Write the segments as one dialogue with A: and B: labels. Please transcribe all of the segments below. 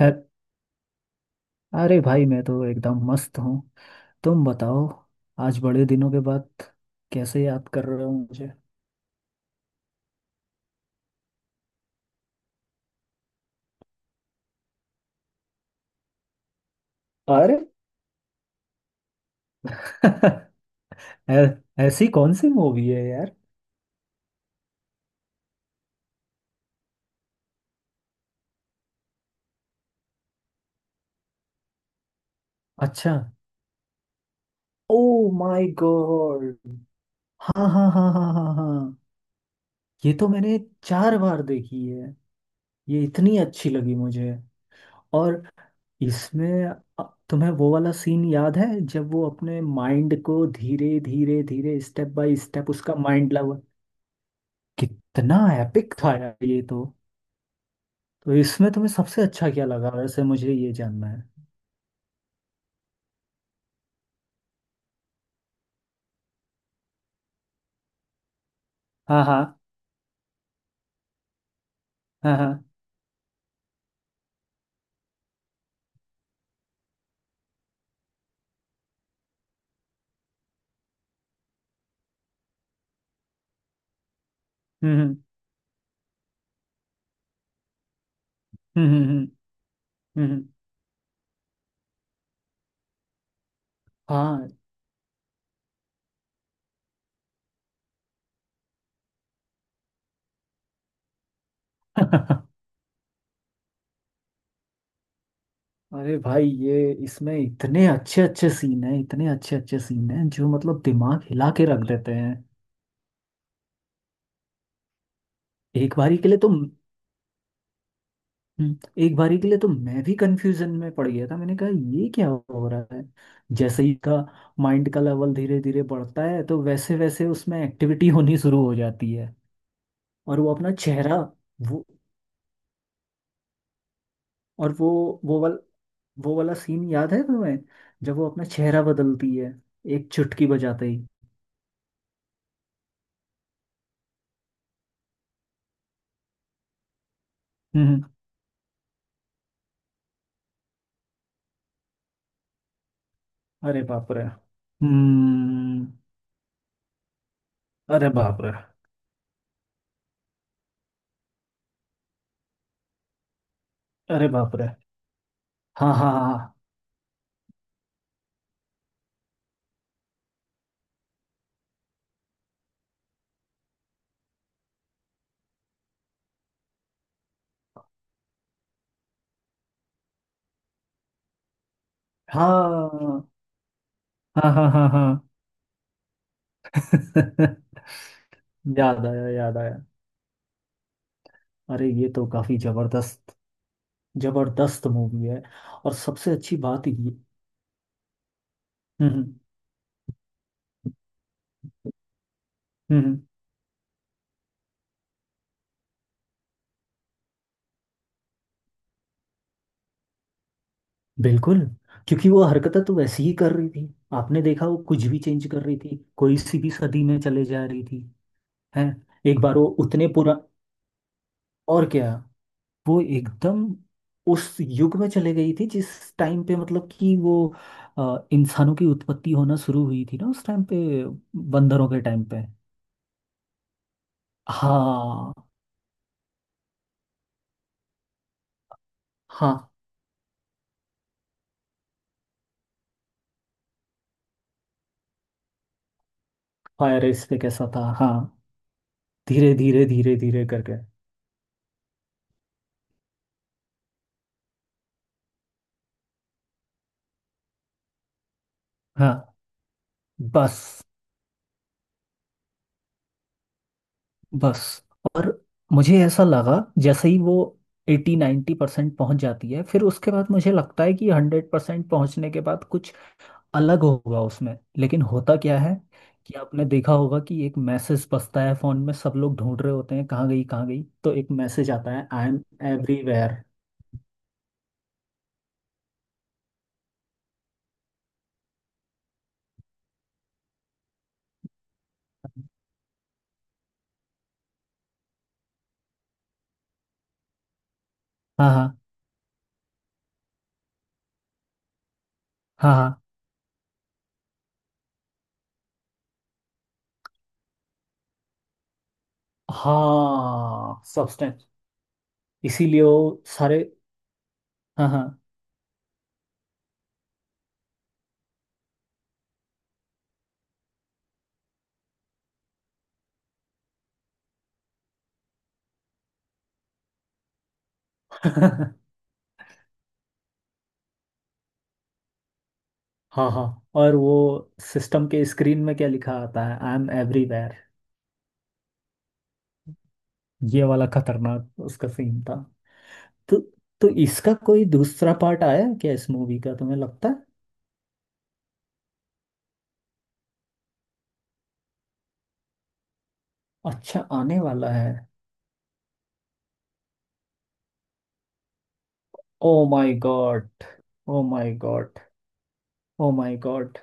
A: है। अरे भाई, मैं तो एकदम मस्त हूँ। तुम बताओ। आज बड़े दिनों के बाद कैसे याद कर रहे हो मुझे? अरे ऐ- ऐसी कौन सी मूवी है यार? अच्छा। Oh my God. हाँ हाँ हाँ हाँ हाँ हाँ। ये तो मैंने चार बार देखी है। ये इतनी अच्छी लगी मुझे। और इसमें अ, तुम्हें वो वाला सीन याद है जब वो अपने माइंड को धीरे धीरे धीरे स्टेप बाय स्टेप उसका माइंड। कितना एपिक था यार ये तो। तो इसमें तुम्हें सबसे अच्छा क्या लगा वैसे? मुझे ये जानना है। हाँ हाँ हाँ हाँ। हम्म। हम्म। हम्म। हम्म। हम्म। हम्म। हम्म। हाँ। अरे भाई, ये इसमें इतने अच्छे अच्छे सीन हैं, इतने अच्छे अच्छे सीन हैं, जो मतलब दिमाग हिला के रख देते हैं। एक बारी के लिए तो हम्म, एक बारी के लिए तो मैं भी कंफ्यूजन में पड़ गया था। मैंने कहा ये क्या हो रहा है? जैसे ही का माइंड का लेवल धीरे धीरे बढ़ता है तो वैसे वैसे उसमें एक्टिविटी होनी शुरू हो जाती है। और वो अपना चेहरा वो। और वो वाल वो वाला सीन याद है तुम्हें, जब वो अपना चेहरा बदलती है एक चुटकी बजाते ही? हम्म। अरे बाप रे, हम्म। अरे बाप रे। अरे बाप रे। हाँ हाँ हाँ हाँ हाँ हाँ हाँ हाँ। याद आया याद आया। अरे ये तो काफी जबरदस्त, जबरदस्त मूवी है। और सबसे अच्छी बात ये। हम्म। हम्म। बिल्कुल। क्योंकि वो हरकतें तो वैसे ही कर रही थी, आपने देखा, वो कुछ भी चेंज कर रही थी, कोई सी भी सदी में चले जा रही थी। है। एक बार वो उतने पुरा। और क्या, वो एकदम उस युग में चले गई थी जिस टाइम पे मतलब कि वो इंसानों की उत्पत्ति होना शुरू हुई थी ना, उस टाइम पे, बंदरों के टाइम पे। हाँ हाँ। फायर रेस पे कैसा था, हाँ। धीरे धीरे धीरे धीरे करके। हाँ। बस। बस। और मुझे ऐसा लगा जैसे ही वो एटी 90% परसेंट पहुंच जाती है, फिर उसके बाद मुझे लगता है कि 100% पहुंचने के बाद कुछ अलग होगा उसमें, लेकिन होता क्या है कि आपने देखा होगा कि एक मैसेज बजता है फोन में, सब लोग ढूंढ रहे होते हैं कहाँ गई कहाँ गई, तो एक मैसेज आता है आई एम एवरीवेयर। हाँ हाँ हाँ हाँ हाँ। सब्सटेंस। इसीलिए वो सारे। हाँ हाँ। हाँ हाँ। और वो सिस्टम के स्क्रीन में क्या लिखा आता है? I am everywhere. ये वाला खतरनाक उसका सीन था। तो इसका कोई दूसरा पार्ट आया है क्या इस मूवी का तुम्हें लगता है? अच्छा, आने वाला है। Oh my God. Oh my God. Oh my God.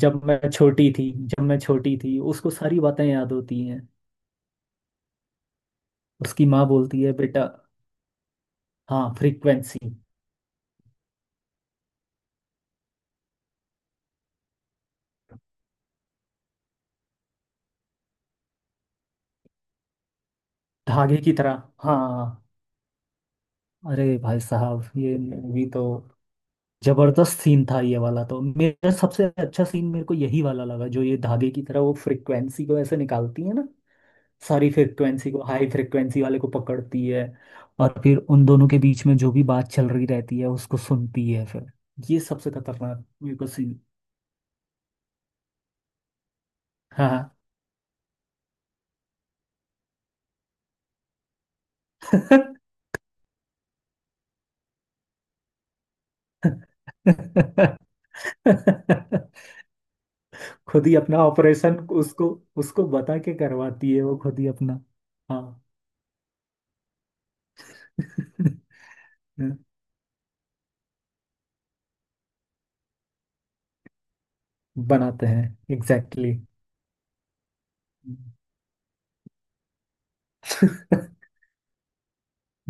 A: जब मैं छोटी थी, जब मैं छोटी थी, उसको सारी बातें याद होती हैं। उसकी माँ बोलती है बेटा। हाँ, फ्रीक्वेंसी। धागे की तरह, हाँ। अरे भाई साहब, ये मूवी तो जबरदस्त सीन था ये वाला। तो मेरा सबसे अच्छा सीन मेरे को यही वाला लगा, जो ये धागे की तरह वो फ्रिक्वेंसी को ऐसे निकालती है ना। सारी फ्रिक्वेंसी को, हाई फ्रिक्वेंसी वाले को पकड़ती है। और फिर उन दोनों के बीच में जो भी बात चल रही रहती है उसको सुनती है फिर। ये सबसे खतरनाक मेरे को सीन। हाँ। खुद ही अपना ऑपरेशन उसको उसको बता के करवाती है वो, खुद ही अपना। हाँ। बनाते हैं। Exactly, exactly.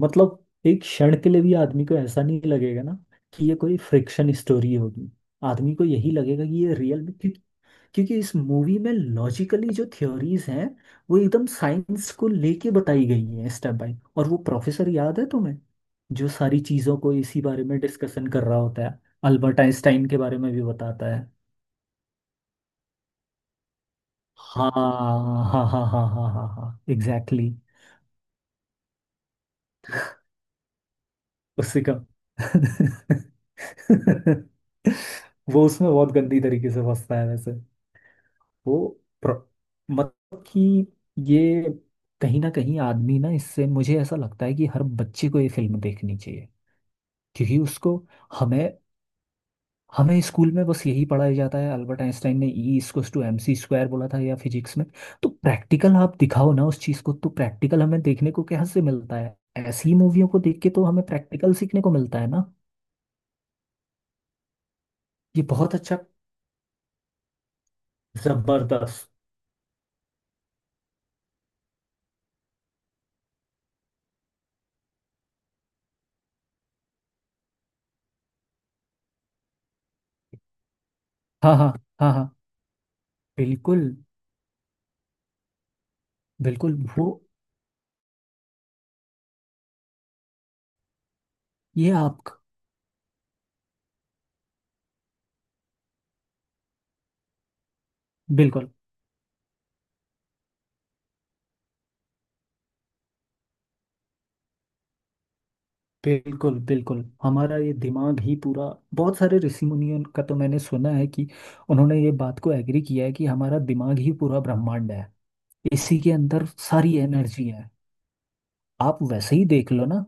A: मतलब एक क्षण के लिए भी आदमी को ऐसा नहीं लगेगा ना कि ये कोई फ्रिक्शन स्टोरी होगी। आदमी को यही लगेगा कि ये रियल में, क्योंकि क्योंकि इस मूवी में लॉजिकली जो थ्योरीज हैं वो एकदम साइंस को लेके बताई गई हैं, स्टेप बाय। और वो प्रोफेसर याद है तुम्हें, जो सारी चीजों को इसी बारे में डिस्कशन कर रहा होता है? अल्बर्ट आइंस्टाइन के बारे में भी बताता है। हाँ हाँ हाँ हाँ हाँ हाँ हाँ, एग्जैक्टली। उससे कम वो उसमें बहुत गंदी तरीके से फंसता है वैसे। वो प्र- मतलब कि ये कहीं ना कहीं आदमी ना, इससे मुझे ऐसा लगता है कि हर बच्चे को ये फिल्म देखनी चाहिए। क्योंकि उसको हमें हमें स्कूल में बस यही पढ़ाया जाता है अल्बर्ट आइंस्टाइन ने E equals to M C square बोला था, या फिजिक्स में। तो प्रैक्टिकल आप दिखाओ ना उस चीज़ को, तो प्रैक्टिकल हमें देखने को कहाँ से मिलता है? ऐसी मूवियों को देख के तो हमें प्रैक्टिकल सीखने को मिलता है ना। ये बहुत अच्छा, जबरदस्त। हाँ हाँ हाँ हाँ, बिल्कुल बिल्कुल। वो, ये आप, बिल्कुल बिल्कुल बिल्कुल हमारा ये दिमाग ही पूरा। बहुत सारे ऋषि मुनियों का तो मैंने सुना है कि उन्होंने ये बात को एग्री किया है कि हमारा दिमाग ही पूरा ब्रह्मांड है। इसी के अंदर सारी एनर्जी है। आप वैसे ही देख लो ना।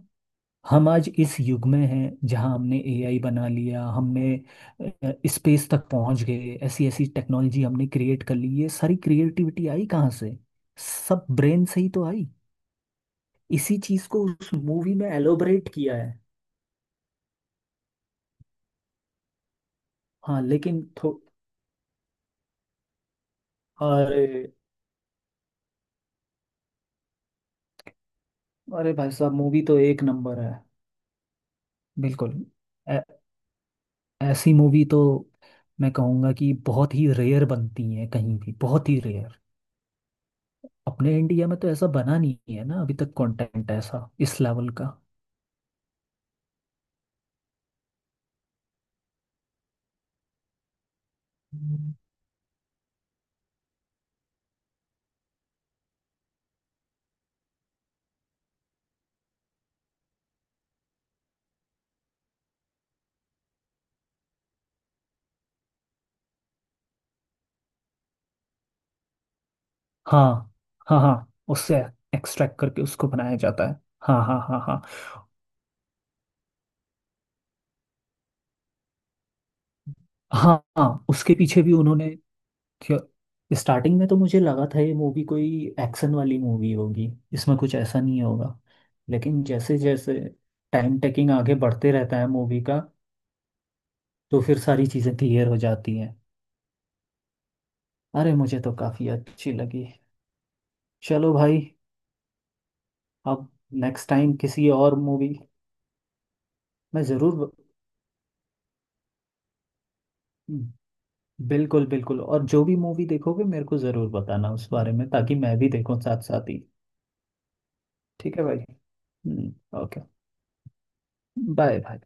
A: हम आज इस युग में हैं जहां हमने एआई बना लिया, हमने स्पेस तक पहुंच गए, ऐसी ऐसी टेक्नोलॉजी हमने क्रिएट कर ली। ये सारी क्रिएटिविटी आई कहाँ से? सब ब्रेन से ही तो आई। इसी चीज को उस मूवी में एलोबरेट किया है। हाँ लेकिन थो अरे, अरे भाई साहब, मूवी तो एक नंबर है। बिल्कुल। ऐ- ऐसी मूवी तो मैं कहूँगा कि बहुत ही रेयर बनती है कहीं भी, बहुत ही रेयर। अपने इंडिया में तो ऐसा बना नहीं है ना अभी तक, कंटेंट ऐसा इस लेवल का। हम्म। हाँ हाँ हाँ, उससे एक्सट्रैक्ट करके उसको बनाया जाता है। हाँ हाँ हाँ हाँ हाँ हाँ, उसके पीछे भी उन्होंने। क्यों, स्टार्टिंग में तो मुझे लगा था ये मूवी कोई एक्शन वाली मूवी होगी। इसमें कुछ ऐसा नहीं होगा, लेकिन जैसे जैसे टाइम टेकिंग आगे बढ़ते रहता है मूवी का, तो फिर सारी चीज़ें क्लियर हो जाती हैं। अरे मुझे तो काफ़ी अच्छी लगी। चलो भाई, अब नेक्स्ट टाइम किसी और मूवी, मैं ज़रूर। बिल्कुल बिल्कुल, और जो भी मूवी देखोगे मेरे को ज़रूर बताना उस बारे में, ताकि मैं भी देखूं साथ साथ ही। ठीक है भाई। ओके। बाय भाई।